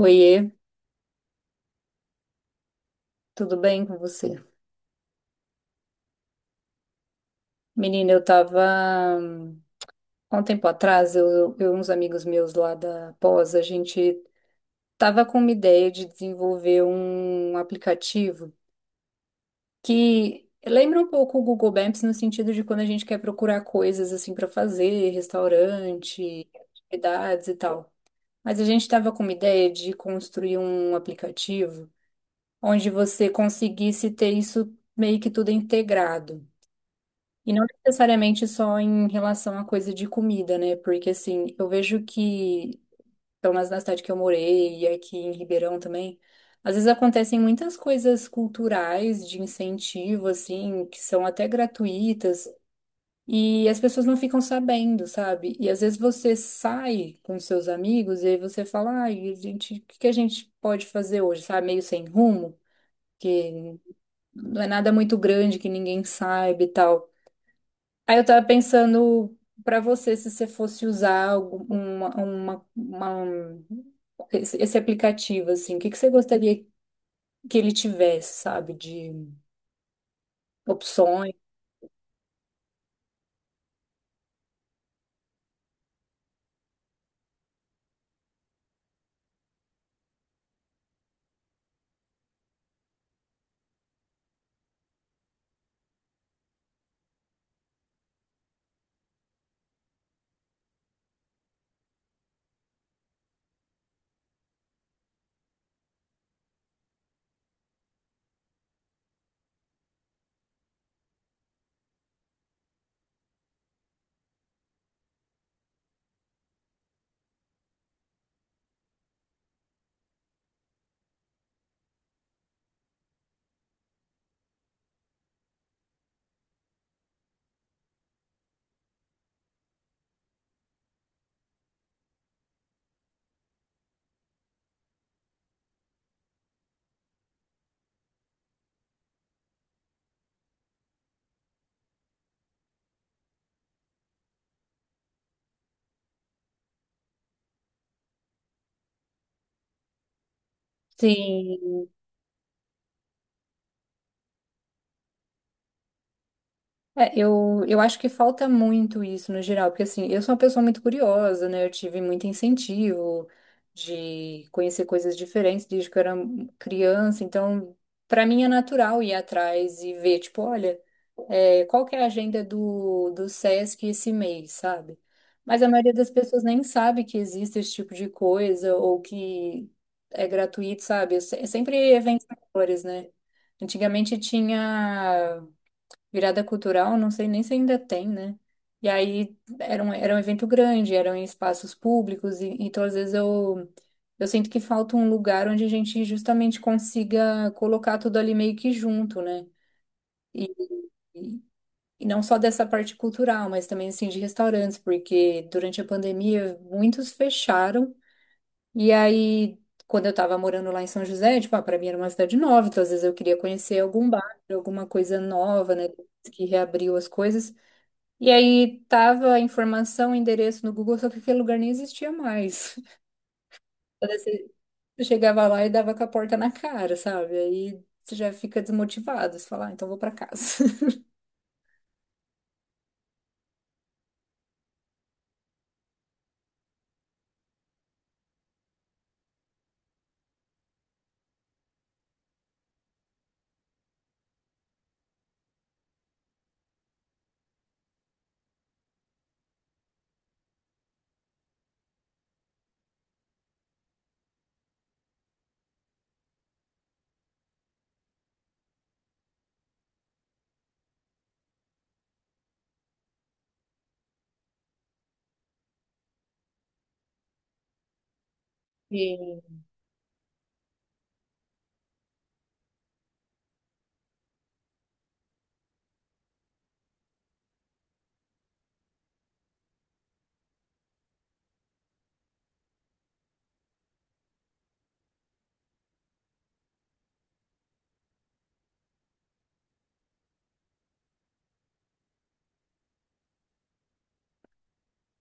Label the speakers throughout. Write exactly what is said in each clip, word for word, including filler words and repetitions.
Speaker 1: Oiê, tudo bem com você? Menina, eu tava. hum, Há um tempo atrás, eu, eu e uns amigos meus lá da pós, a gente tava com uma ideia de desenvolver um aplicativo que lembra um pouco o Google Maps no sentido de quando a gente quer procurar coisas assim para fazer, restaurante, atividades e tal. Mas a gente estava com uma ideia de construir um aplicativo onde você conseguisse ter isso meio que tudo integrado. E não necessariamente só em relação à coisa de comida, né? Porque assim, eu vejo que, pelo menos na cidade que eu morei e aqui em Ribeirão também, às vezes acontecem muitas coisas culturais de incentivo, assim, que são até gratuitas, e as pessoas não ficam sabendo, sabe? E às vezes você sai com seus amigos e aí você fala, ai, a gente, o que que a gente pode fazer hoje, sabe? Meio sem rumo, que não é nada muito grande que ninguém saiba e tal. Aí eu tava pensando pra você, se você fosse usar algum- uma, uma, uma- um- esse, esse aplicativo, assim, o que que você gostaria que ele tivesse, sabe, de opções? Sim. É, eu, eu acho que falta muito isso no geral, porque assim, eu sou uma pessoa muito curiosa, né? Eu tive muito incentivo de conhecer coisas diferentes desde que eu era criança, então para mim é natural ir atrás e ver, tipo, olha, qual que é a agenda do, do SESC esse mês, sabe? Mas a maioria das pessoas nem sabe que existe esse tipo de coisa ou que é gratuito, sabe? É se- é sempre eventos maiores, né? Antigamente tinha virada cultural, não sei nem se ainda tem, né? E aí era um, era um evento grande, eram em espaços públicos, e então às vezes eu, eu sinto que falta um lugar onde a gente justamente consiga colocar tudo ali meio que junto, né? E, e não só dessa parte cultural, mas também assim de restaurantes, porque durante a pandemia muitos fecharam. E aí, quando eu tava morando lá em São José, tipo, ah, para mim era uma cidade nova, então às vezes eu queria conhecer algum bar, alguma coisa nova, né, que reabriu as coisas. E aí tava a informação, o endereço no Google, só que aquele lugar nem existia mais. Então, assim, eu chegava lá e dava com a porta na cara, sabe? Aí você já fica desmotivado, você fala, ah, então vou pra casa.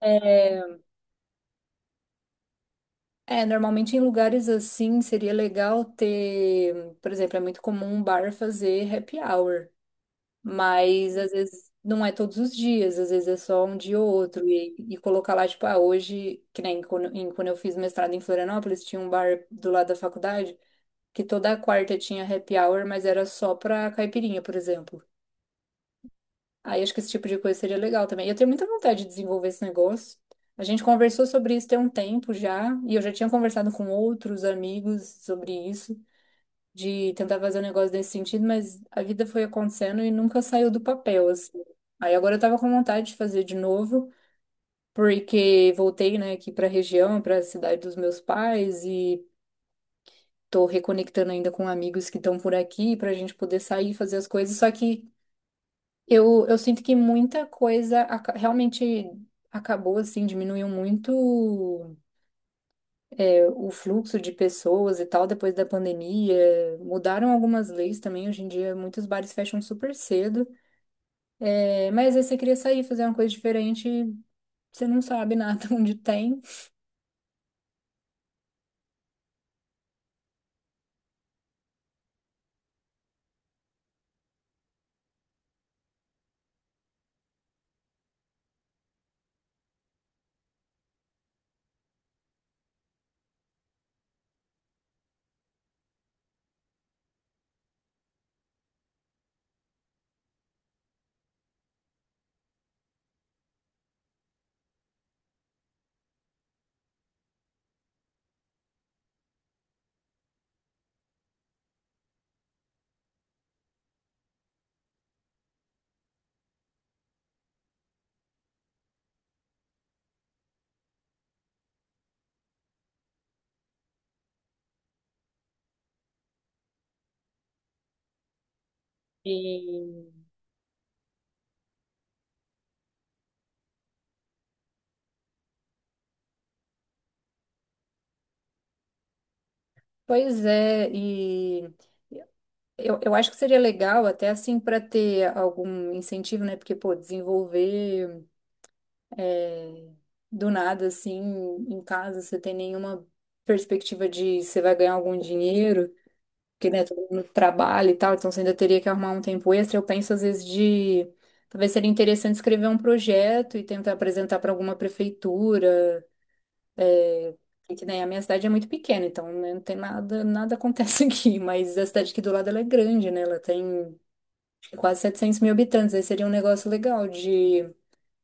Speaker 1: E é, normalmente em lugares assim seria legal ter, por exemplo, é muito comum um bar fazer happy hour, mas às vezes não é todos os dias, às vezes é só um dia ou outro, e, e colocar lá, tipo, ah, hoje, que nem quando, em- quando eu fiz mestrado em Florianópolis, tinha um bar do lado da faculdade que toda quarta tinha happy hour, mas era só pra caipirinha, por exemplo. Aí acho que esse tipo de coisa seria legal também. Eu tenho muita vontade de desenvolver esse negócio. A gente conversou sobre isso tem um tempo já, e eu já tinha conversado com outros amigos sobre isso, de tentar fazer um negócio nesse sentido, mas a vida foi acontecendo e nunca saiu do papel, assim. Aí agora eu tava com vontade de fazer de novo, porque voltei, né, aqui pra região, pra cidade dos meus pais, e tô reconectando ainda com amigos que estão por aqui pra gente poder sair e fazer as coisas, só que Eu, eu sinto que muita coisa aca- realmente acabou, assim, diminuiu muito é, o fluxo de pessoas e tal depois da pandemia. Mudaram algumas leis também. Hoje em dia, muitos bares fecham super cedo. É, mas aí você queria sair, fazer uma coisa diferente, você não sabe nada onde tem. E pois é, e eu, eu acho que seria legal até, assim, para ter algum incentivo, né? Porque, pô, desenvolver do nada, assim, em casa, você tem nenhuma perspectiva de você vai ganhar algum dinheiro, porque, né, todo mundo trabalha e tal, então você ainda teria que arrumar um tempo extra. Eu penso, às vezes, de. Talvez seria interessante escrever um projeto e tentar apresentar para alguma prefeitura. E que, né, a minha cidade é muito pequena, então né, não tem nada, nada acontece aqui. Mas a cidade aqui do lado ela é grande, né? Ela tem acho que quase setecentos mil habitantes. Aí seria um negócio legal de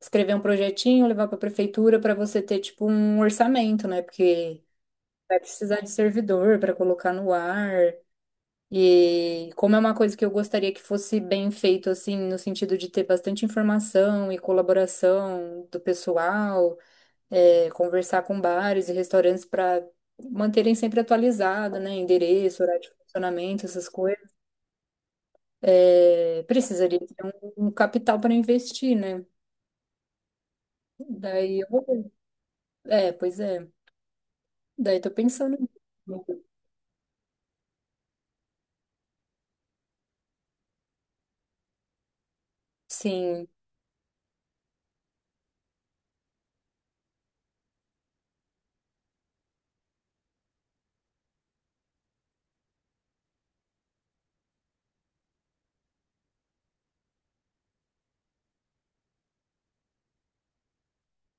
Speaker 1: escrever um projetinho, levar para a prefeitura para você ter tipo um orçamento, né? Porque vai precisar de servidor para colocar no ar. E como é uma coisa que eu gostaria que fosse bem feito, assim, no sentido de ter bastante informação e colaboração do pessoal, é, conversar com bares e restaurantes para manterem sempre atualizado, né? Endereço, horário de funcionamento, essas coisas. É, precisaria ter um, um capital para investir, né? Daí eu vou. É, pois é. Daí tô pensando. Sim.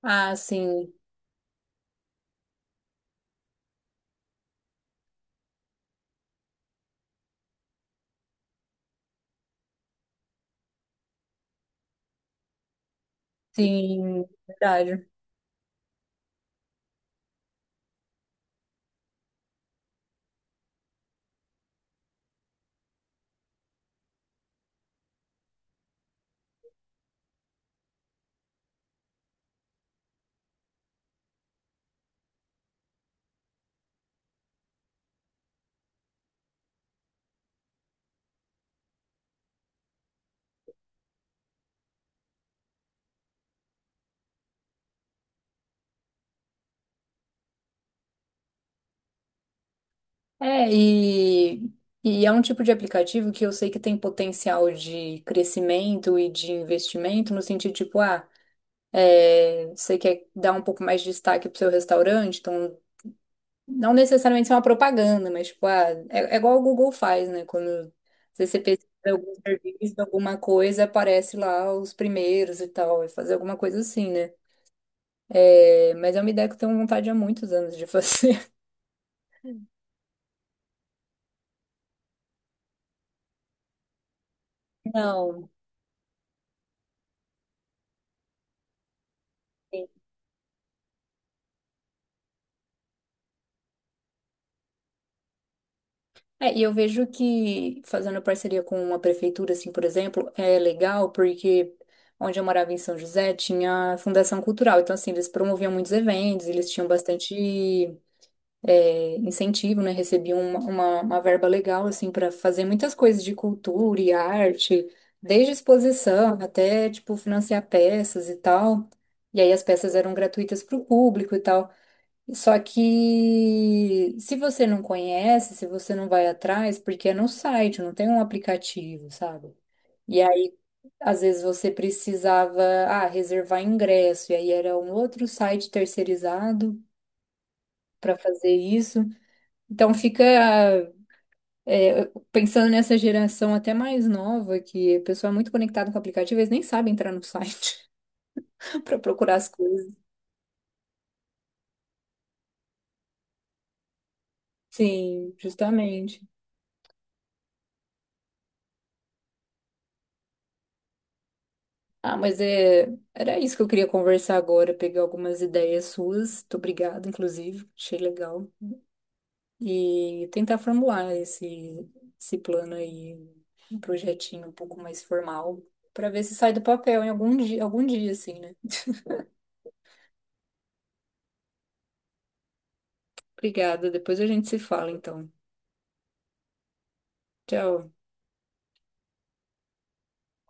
Speaker 1: Ah, sim. Sim, verdade. É, e, e é um tipo de aplicativo que eu sei que tem potencial de crescimento e de investimento, no sentido tipo, ah, é, você quer dar um pouco mais de destaque pro seu restaurante, então não necessariamente ser uma propaganda, mas tipo, ah, é, é igual o Google faz, né? Quando você você pesquisa algum serviço, alguma coisa, aparece lá os primeiros e tal, e fazer alguma coisa assim, né? É, mas é uma ideia que eu tenho vontade há muitos anos de fazer. Não. Sim. É, e eu vejo que fazendo parceria com uma prefeitura, assim, por exemplo, é legal porque onde eu morava em São José tinha Fundação Cultural. Então, assim, eles promoviam muitos eventos, eles tinham bastante é, incentivo, né? Recebiam uma, uma, uma verba legal, assim, para fazer muitas coisas de cultura e arte, desde exposição até, tipo, financiar peças e tal. E aí as peças eram gratuitas para o público e tal. Só que se você não conhece, se você não vai atrás, porque é no site, não tem um aplicativo, sabe? E aí, às vezes você precisava, ah, reservar ingresso, e aí era um outro site terceirizado para fazer isso. Então fica, é, pensando nessa geração até mais nova, que o pessoal é muito conectada com o aplicativo, eles nem sabem entrar no site para procurar as coisas. Sim, justamente. Ah, mas é... era isso que eu queria conversar agora, pegar algumas ideias suas. Muito obrigada, inclusive. Achei legal. E tentar formular esse, esse plano aí, um projetinho um pouco mais formal, para ver se sai do papel em algum dia, algum dia, assim, né? Obrigada. Depois a gente se fala, então. Tchau.